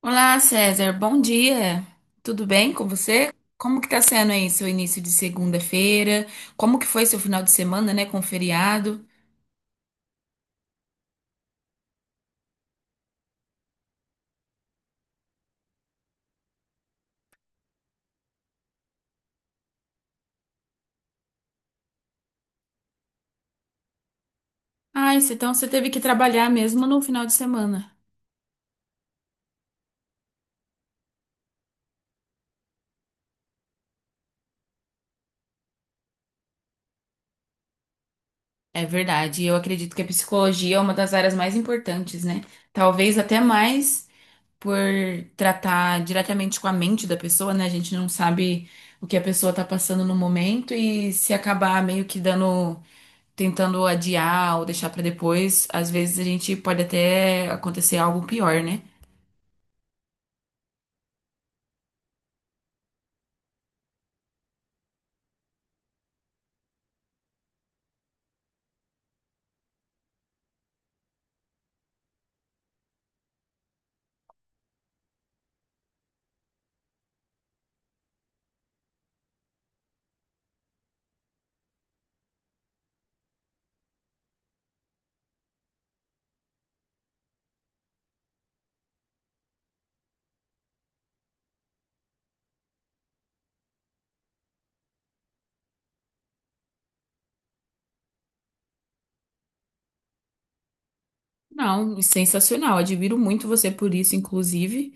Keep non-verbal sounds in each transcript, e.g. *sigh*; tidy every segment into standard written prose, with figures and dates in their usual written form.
Olá, César. Bom dia. Tudo bem com você? Como que tá sendo aí seu início de segunda-feira? Como que foi seu final de semana, né, com feriado? Ah, isso, então você teve que trabalhar mesmo no final de semana. É verdade. Eu acredito que a psicologia é uma das áreas mais importantes, né? Talvez até mais. Por tratar diretamente com a mente da pessoa, né? A gente não sabe o que a pessoa tá passando no momento e se acabar meio que dando, tentando adiar ou deixar pra depois, às vezes a gente pode até acontecer algo pior, né? Não, sensacional. Admiro muito você por isso, inclusive,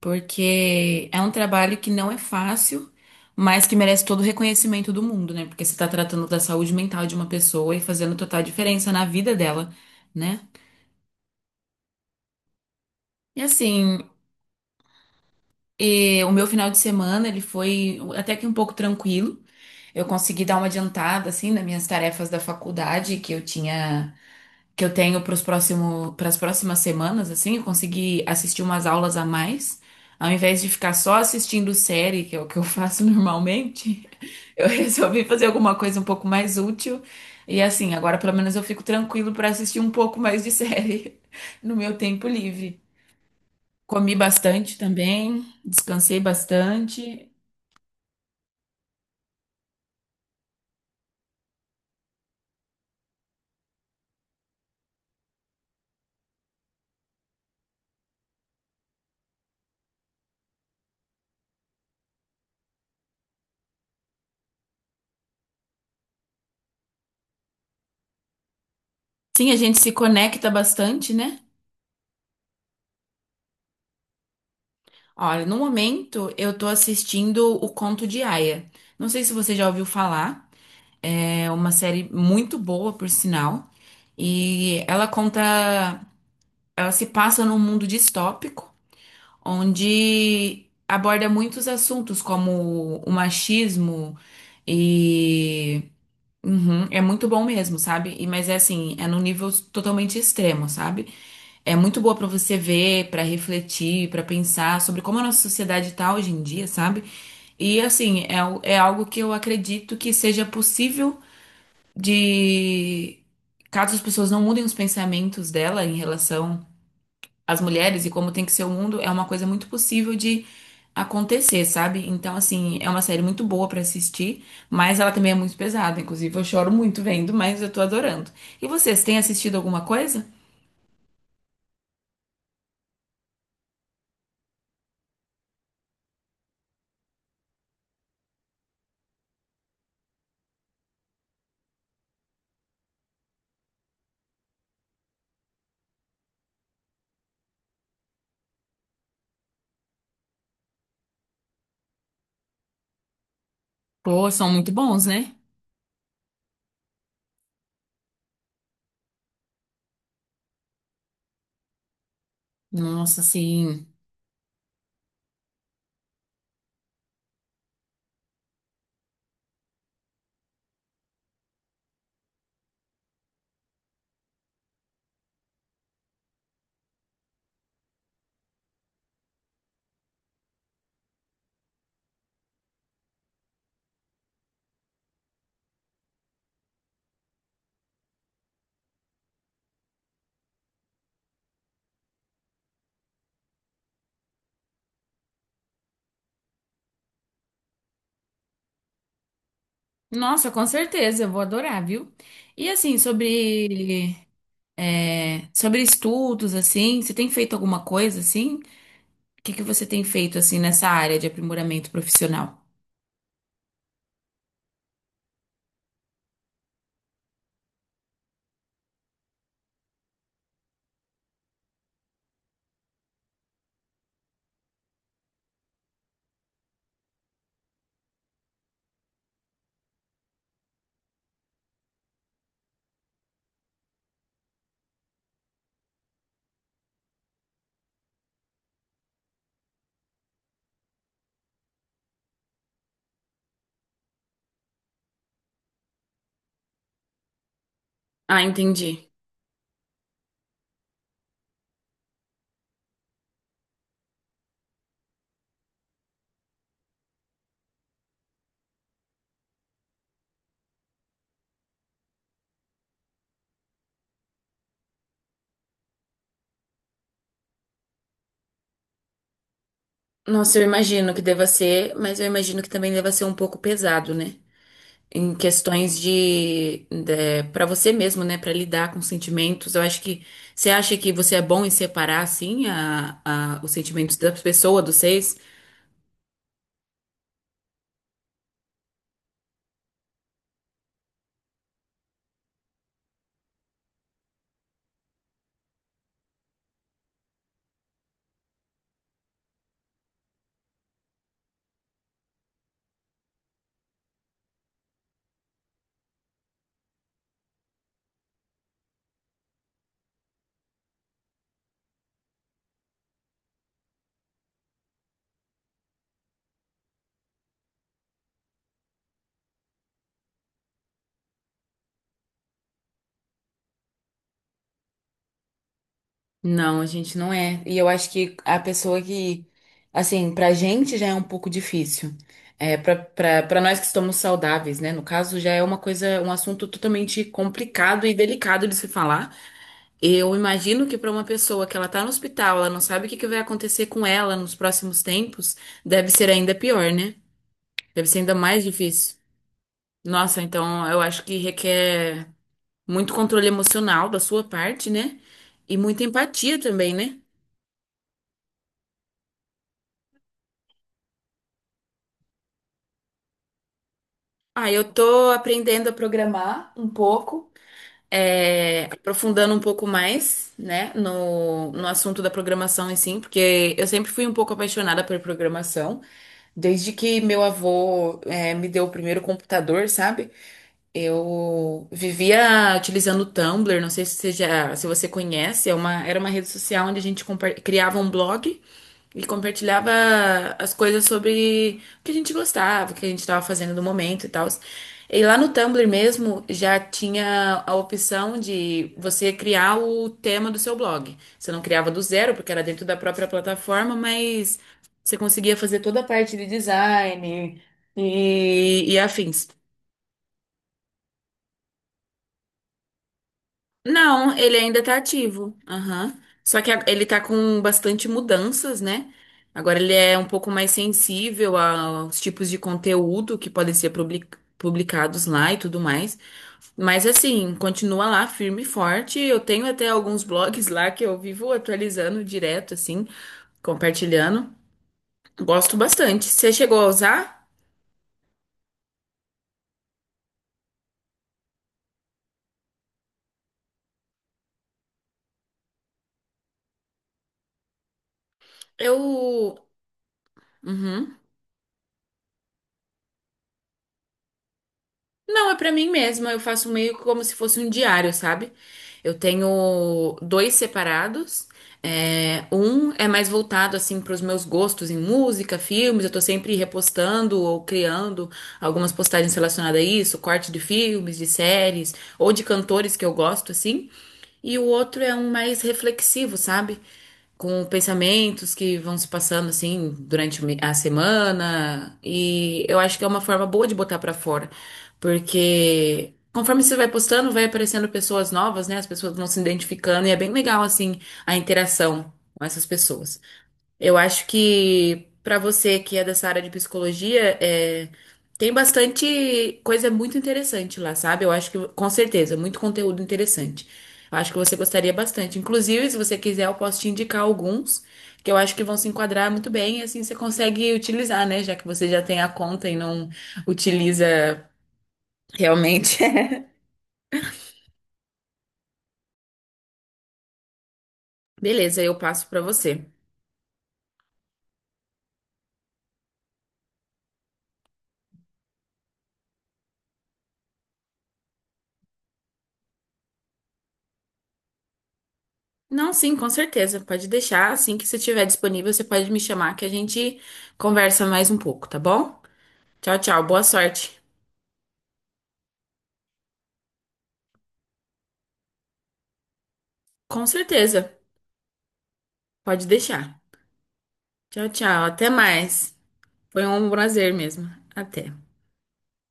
porque é um trabalho que não é fácil, mas que merece todo o reconhecimento do mundo, né? Porque você tá tratando da saúde mental de uma pessoa e fazendo total diferença na vida dela, né? E assim, e o meu final de semana, ele foi até que um pouco tranquilo. Eu consegui dar uma adiantada, assim, nas minhas tarefas da faculdade que eu tinha, que eu tenho para os próximo, para as próximas semanas, assim. Eu consegui assistir umas aulas a mais. Ao invés de ficar só assistindo série, que é o que eu faço *laughs* normalmente, eu resolvi fazer alguma coisa um pouco mais útil. E assim, agora pelo menos eu fico tranquilo para assistir um pouco mais de série *laughs* no meu tempo livre. Comi bastante também, descansei bastante. Sim, a gente se conecta bastante, né? Olha, no momento eu tô assistindo O Conto de Aia. Não sei se você já ouviu falar, é uma série muito boa, por sinal. E ela conta, ela se passa num mundo distópico, onde aborda muitos assuntos como o machismo e Uhum, é muito bom mesmo, sabe? E mas é assim, é num nível totalmente extremo, sabe? É muito boa para você ver, para refletir, para pensar sobre como a nossa sociedade tá hoje em dia, sabe? E assim, é, é algo que eu acredito que seja possível de caso as pessoas não mudem os pensamentos dela em relação às mulheres e como tem que ser o mundo, é uma coisa muito possível de acontecer, sabe? Então, assim, é uma série muito boa pra assistir, mas ela também é muito pesada. Inclusive, eu choro muito vendo, mas eu tô adorando. E vocês, têm assistido alguma coisa? Pô, são muito bons, né? Nossa, sim. Nossa, com certeza, eu vou adorar, viu? E assim, sobre, é, sobre estudos, assim, você tem feito alguma coisa assim? O que que você tem feito assim nessa área de aprimoramento profissional? Ah, entendi. Nossa, eu imagino que deva ser, mas eu imagino que também deva ser um pouco pesado, né? Em questões de para você mesmo, né? Pra lidar com sentimentos. Eu acho que você acha que você é bom em separar assim os sentimentos da pessoa dos seis? Não, a gente não é. E eu acho que a pessoa que, assim, pra gente já é um pouco difícil. É, pra nós que estamos saudáveis, né? No caso, já é uma coisa, um assunto totalmente complicado e delicado de se falar. Eu imagino que pra uma pessoa que ela tá no hospital, ela não sabe o que que vai acontecer com ela nos próximos tempos, deve ser ainda pior, né? Deve ser ainda mais difícil. Nossa, então eu acho que requer muito controle emocional da sua parte, né? E muita empatia também, né? Ah, eu tô aprendendo a programar um pouco, é, aprofundando um pouco mais, né, no assunto da programação em si, porque eu sempre fui um pouco apaixonada por programação, desde que meu avô, é, me deu o primeiro computador, sabe? Eu vivia utilizando o Tumblr, não sei se você já, se você conhece, é uma, era uma rede social onde a gente criava um blog. E compartilhava as coisas sobre o que a gente gostava, o que a gente estava fazendo no momento e tal. E lá no Tumblr mesmo já tinha a opção de você criar o tema do seu blog. Você não criava do zero, porque era dentro da própria plataforma, mas você conseguia fazer toda a parte de design e afins. Não, ele ainda tá ativo. Aham. Só que ele tá com bastante mudanças, né? Agora ele é um pouco mais sensível aos tipos de conteúdo que podem ser publicados lá e tudo mais. Mas assim, continua lá firme e forte. Eu tenho até alguns blogs lá que eu vivo atualizando direto, assim, compartilhando. Gosto bastante. Você chegou a usar? Eu. Uhum. Não, é pra mim mesma. Eu faço meio como se fosse um diário, sabe? Eu tenho dois separados. É, um é mais voltado assim para os meus gostos em música, filmes. Eu tô sempre repostando ou criando algumas postagens relacionadas a isso, corte de filmes, de séries ou de cantores que eu gosto assim. E o outro é um mais reflexivo, sabe? Com pensamentos que vão se passando assim durante a semana. E eu acho que é uma forma boa de botar pra fora. Porque conforme você vai postando, vai aparecendo pessoas novas, né? As pessoas vão se identificando e é bem legal, assim, a interação com essas pessoas. Eu acho que para você que é dessa área de psicologia, é, tem bastante coisa muito interessante lá, sabe? Eu acho que, com certeza, muito conteúdo interessante. Eu acho que você gostaria bastante. Inclusive, se você quiser, eu posso te indicar alguns que eu acho que vão se enquadrar muito bem, e assim você consegue utilizar, né? Já que você já tem a conta e não utiliza. Realmente. *laughs* Beleza, eu passo pra você. Não, sim, com certeza. Pode deixar. Assim que você estiver disponível, você pode me chamar que a gente conversa mais um pouco, tá bom? Tchau, tchau. Boa sorte. Com certeza. Pode deixar. Tchau, tchau. Até mais. Foi um prazer mesmo. Até.